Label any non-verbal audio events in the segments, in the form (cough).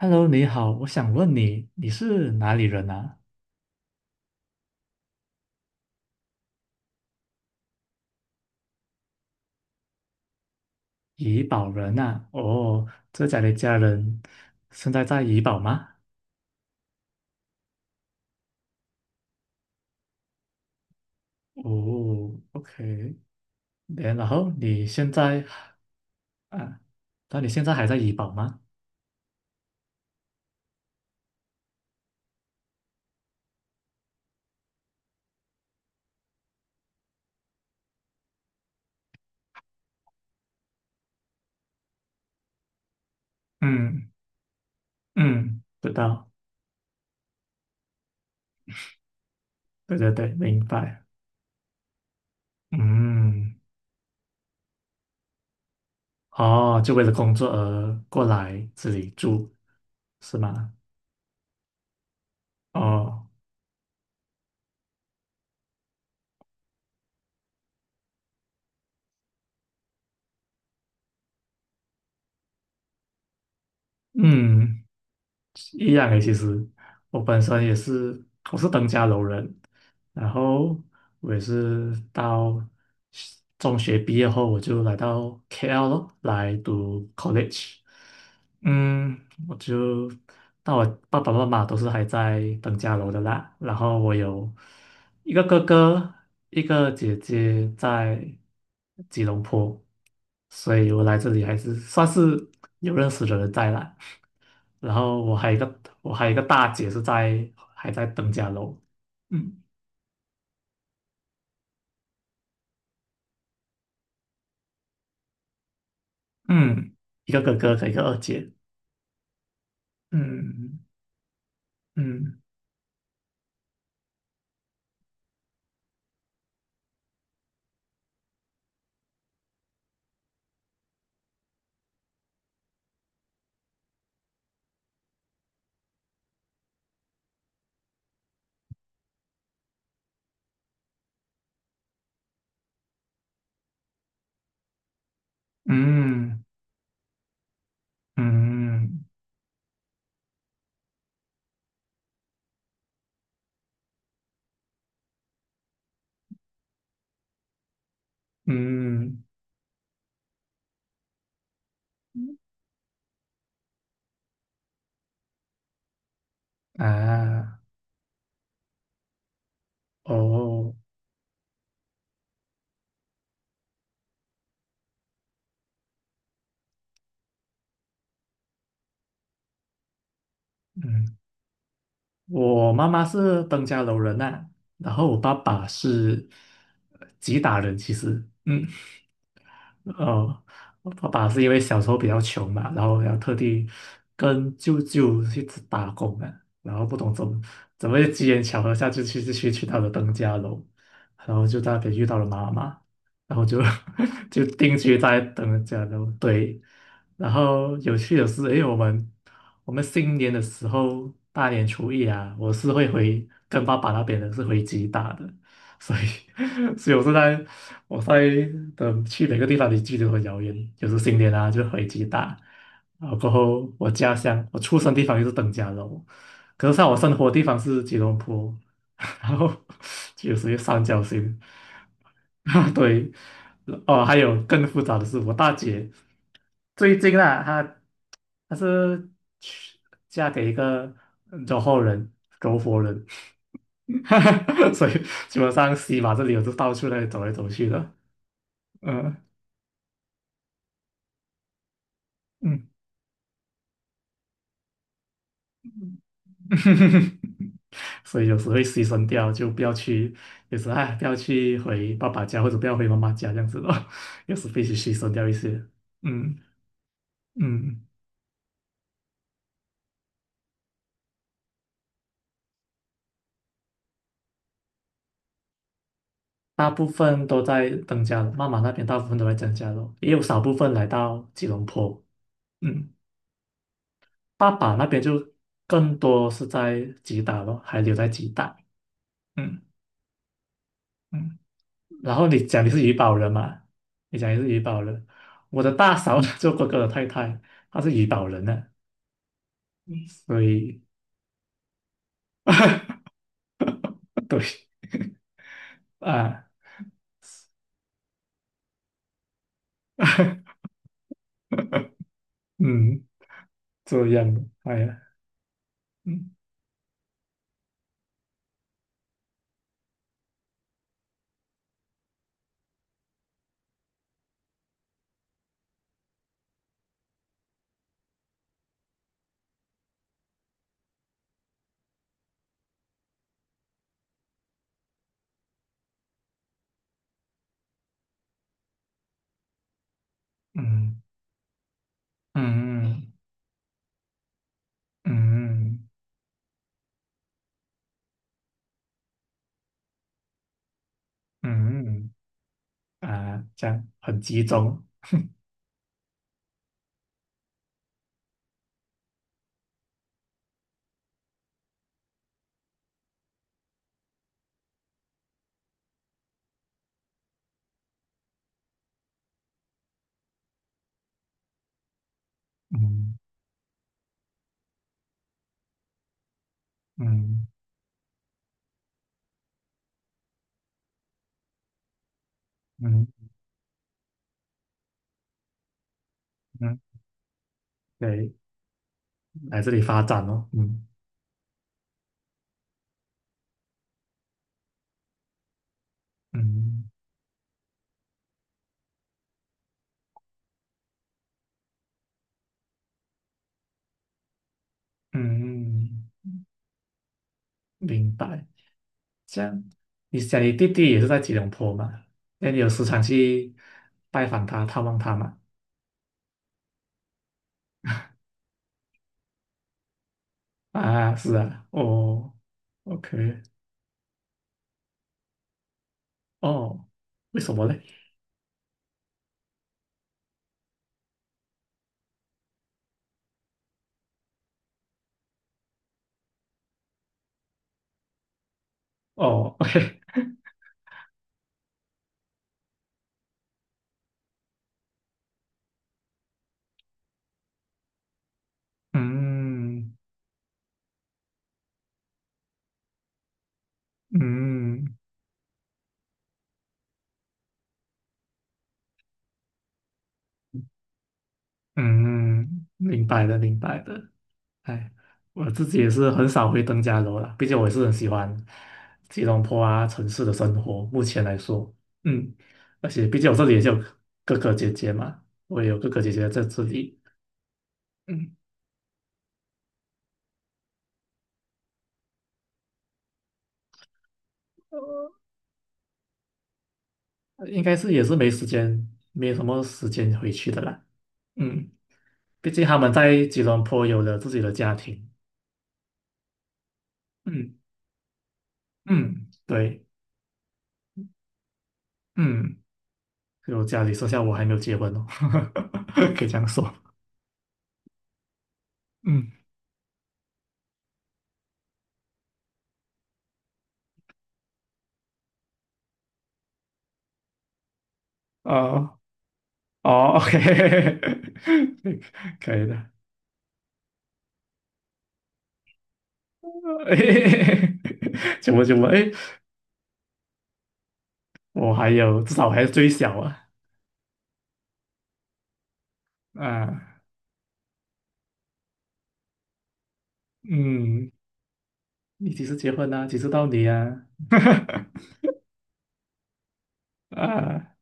Hello，你好，我想问你，你是哪里人啊？怡保人啊？哦，这家的家人现在在怡保吗？哦，OK，然后你现在啊，那你现在还在怡保吗？嗯嗯，知道，对对对，明白。嗯，哦，就为了工作而过来这里住，是吗？哦，嗯一样诶，其实我本身也是，我是登嘉楼人，然后我也是到中学毕业后，我就来到 KL 咯，来读 college。嗯，我就那我爸爸妈妈都是还在登嘉楼的啦，然后我有一个哥哥，一个姐姐在吉隆坡，所以我来这里还是算是有认识的人在啦。然后我还有一个大姐是在还在登嘉楼，嗯嗯一个哥哥和一个二姐。嗯嗯嗯嗯嗯啊哦，嗯我妈妈是登嘉楼人呐、然后我爸爸是吉打人，其实。嗯。哦，我爸爸是因为小时候比较穷嘛，然后要特地跟舅舅去起打工啊，然后不懂怎么机缘巧合下就去就去去到了登嘉楼，然后就在那边遇到了妈妈，然后就 (laughs) 就定居在登嘉楼。对，然后有趣的是，因为我们新年的时候，大年初一啊，我是会回跟爸爸那边的是回吉大的，所以 (laughs) 所以我是在。我在的去每个地方的距离都很遥远，有时新年啊就回吉打，然后过后我家乡我出生地方就是登嘉楼，可是像我生活地方是吉隆坡，(laughs) 然后就有属于三角形，啊 (laughs) 对，哦还有更复杂的是我大姐最近啊她她是去嫁给一个柔佛人柔佛人，(laughs) 所以基本上西马这里我就到处那里走来走去的。呃，嗯，(laughs) 所以有时会牺牲掉，就不要去，有时哎，不要去回爸爸家或者不要回妈妈家这样子咯，(laughs) 有时必须牺牲掉一些。嗯嗯，大部分都在增加楼，妈妈那边大部分都在增加楼，也有少部分来到吉隆坡。嗯，爸爸那边就更多是在吉打咯，还留在吉打。嗯嗯。然后你讲你是怡宝人嘛？你讲你是怡宝人，我的大嫂呢，(laughs) 做哥哥的太太，她是怡宝人呢、嗯所以 (laughs) 对啊，(laughs) 嗯，这样的，哎呀，嗯嗯嗯嗯嗯嗯啊，这样很集中，嗯嗯嗯嗯，对，来这里发展哦，嗯嗯嗯，嗯嗯明白。这样，你想你弟弟也是在吉隆坡嘛？那你有时常去拜访他、探望他嘛？啊，是啊，哦，OK，哦，为什么嘞？哦，OK，嗯嗯嗯，明白的，明白的。哎，我自己也是很少回登嘉楼啦，毕竟我也是很喜欢吉隆坡啊城市的生活。目前来说，嗯，而且毕竟我这里也是有哥哥姐姐嘛，我也有哥哥姐姐在这里。嗯。呃应该是也是没时间，没什么时间回去的啦。嗯，毕竟他们在吉隆坡有了自己的家庭。嗯嗯，对，嗯，就家里剩下我还没有结婚哦，(laughs) 可以这样说。嗯，哦哦，OK，(laughs) 可以的。(laughs) 怎么？哎，我还有，至少我还是最小啊啊，嗯，你几时结婚啊？几时到你啊？(laughs) 啊。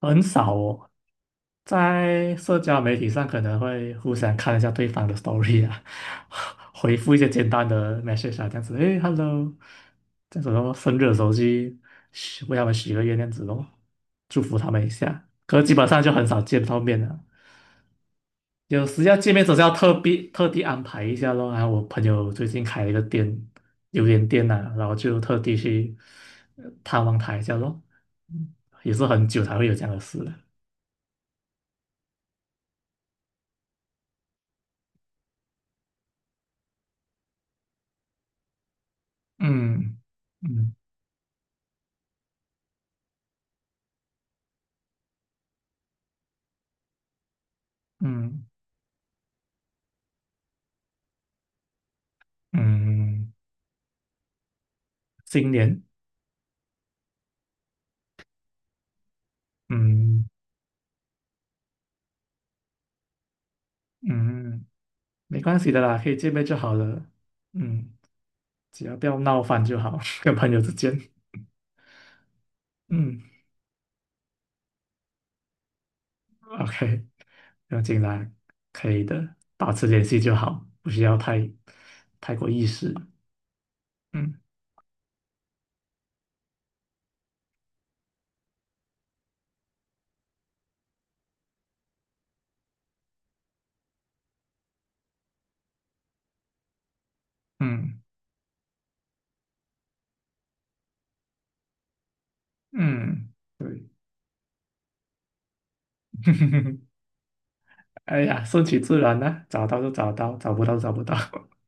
很少哦，在社交媒体上可能会互相看一下对方的 story 啊，(laughs) 回复一些简单的 message 啊，这样子，诶 Hello 这样子咯，生日的时候去许为他们许个愿，这样子咯，祝福他们一下。可是基本上就很少见到面了，有时要见面总是要特地特地安排一下咯。然后我朋友最近开了一个店，榴莲店呐、啊然后就特地去探望他一下咯。嗯也是很久才会有这样的事了。嗯嗯嗯嗯，新年，嗯嗯，没关系的啦，可以见面就好了。嗯，只要不要闹翻就好，(laughs) 跟朋友之间。嗯，OK，不要紧啦，可以的，保持联系就好，不需要太太过意识。嗯嗯嗯，对，(laughs) 哎呀，顺其自然啦、找到就找到，找不到就找不到。(laughs)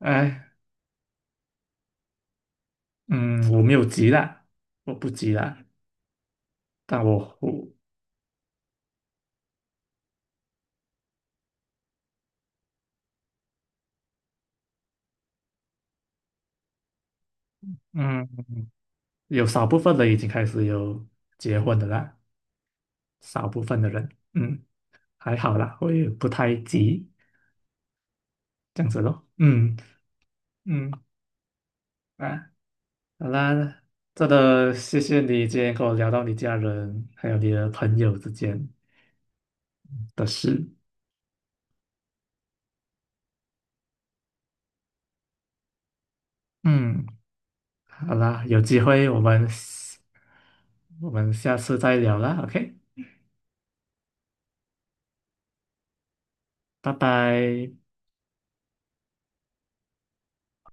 哎，嗯，我没有急啦，我不急啦。但我嗯，有少部分人已经开始有结婚的啦，少部分的人，嗯，还好啦，我也不太急，这样子咯，嗯嗯啊，好啦，真的谢谢你今天跟我聊到你家人还有你的朋友之间的事，嗯，好啦，有机会我们我们下次再聊啦，OK，拜拜。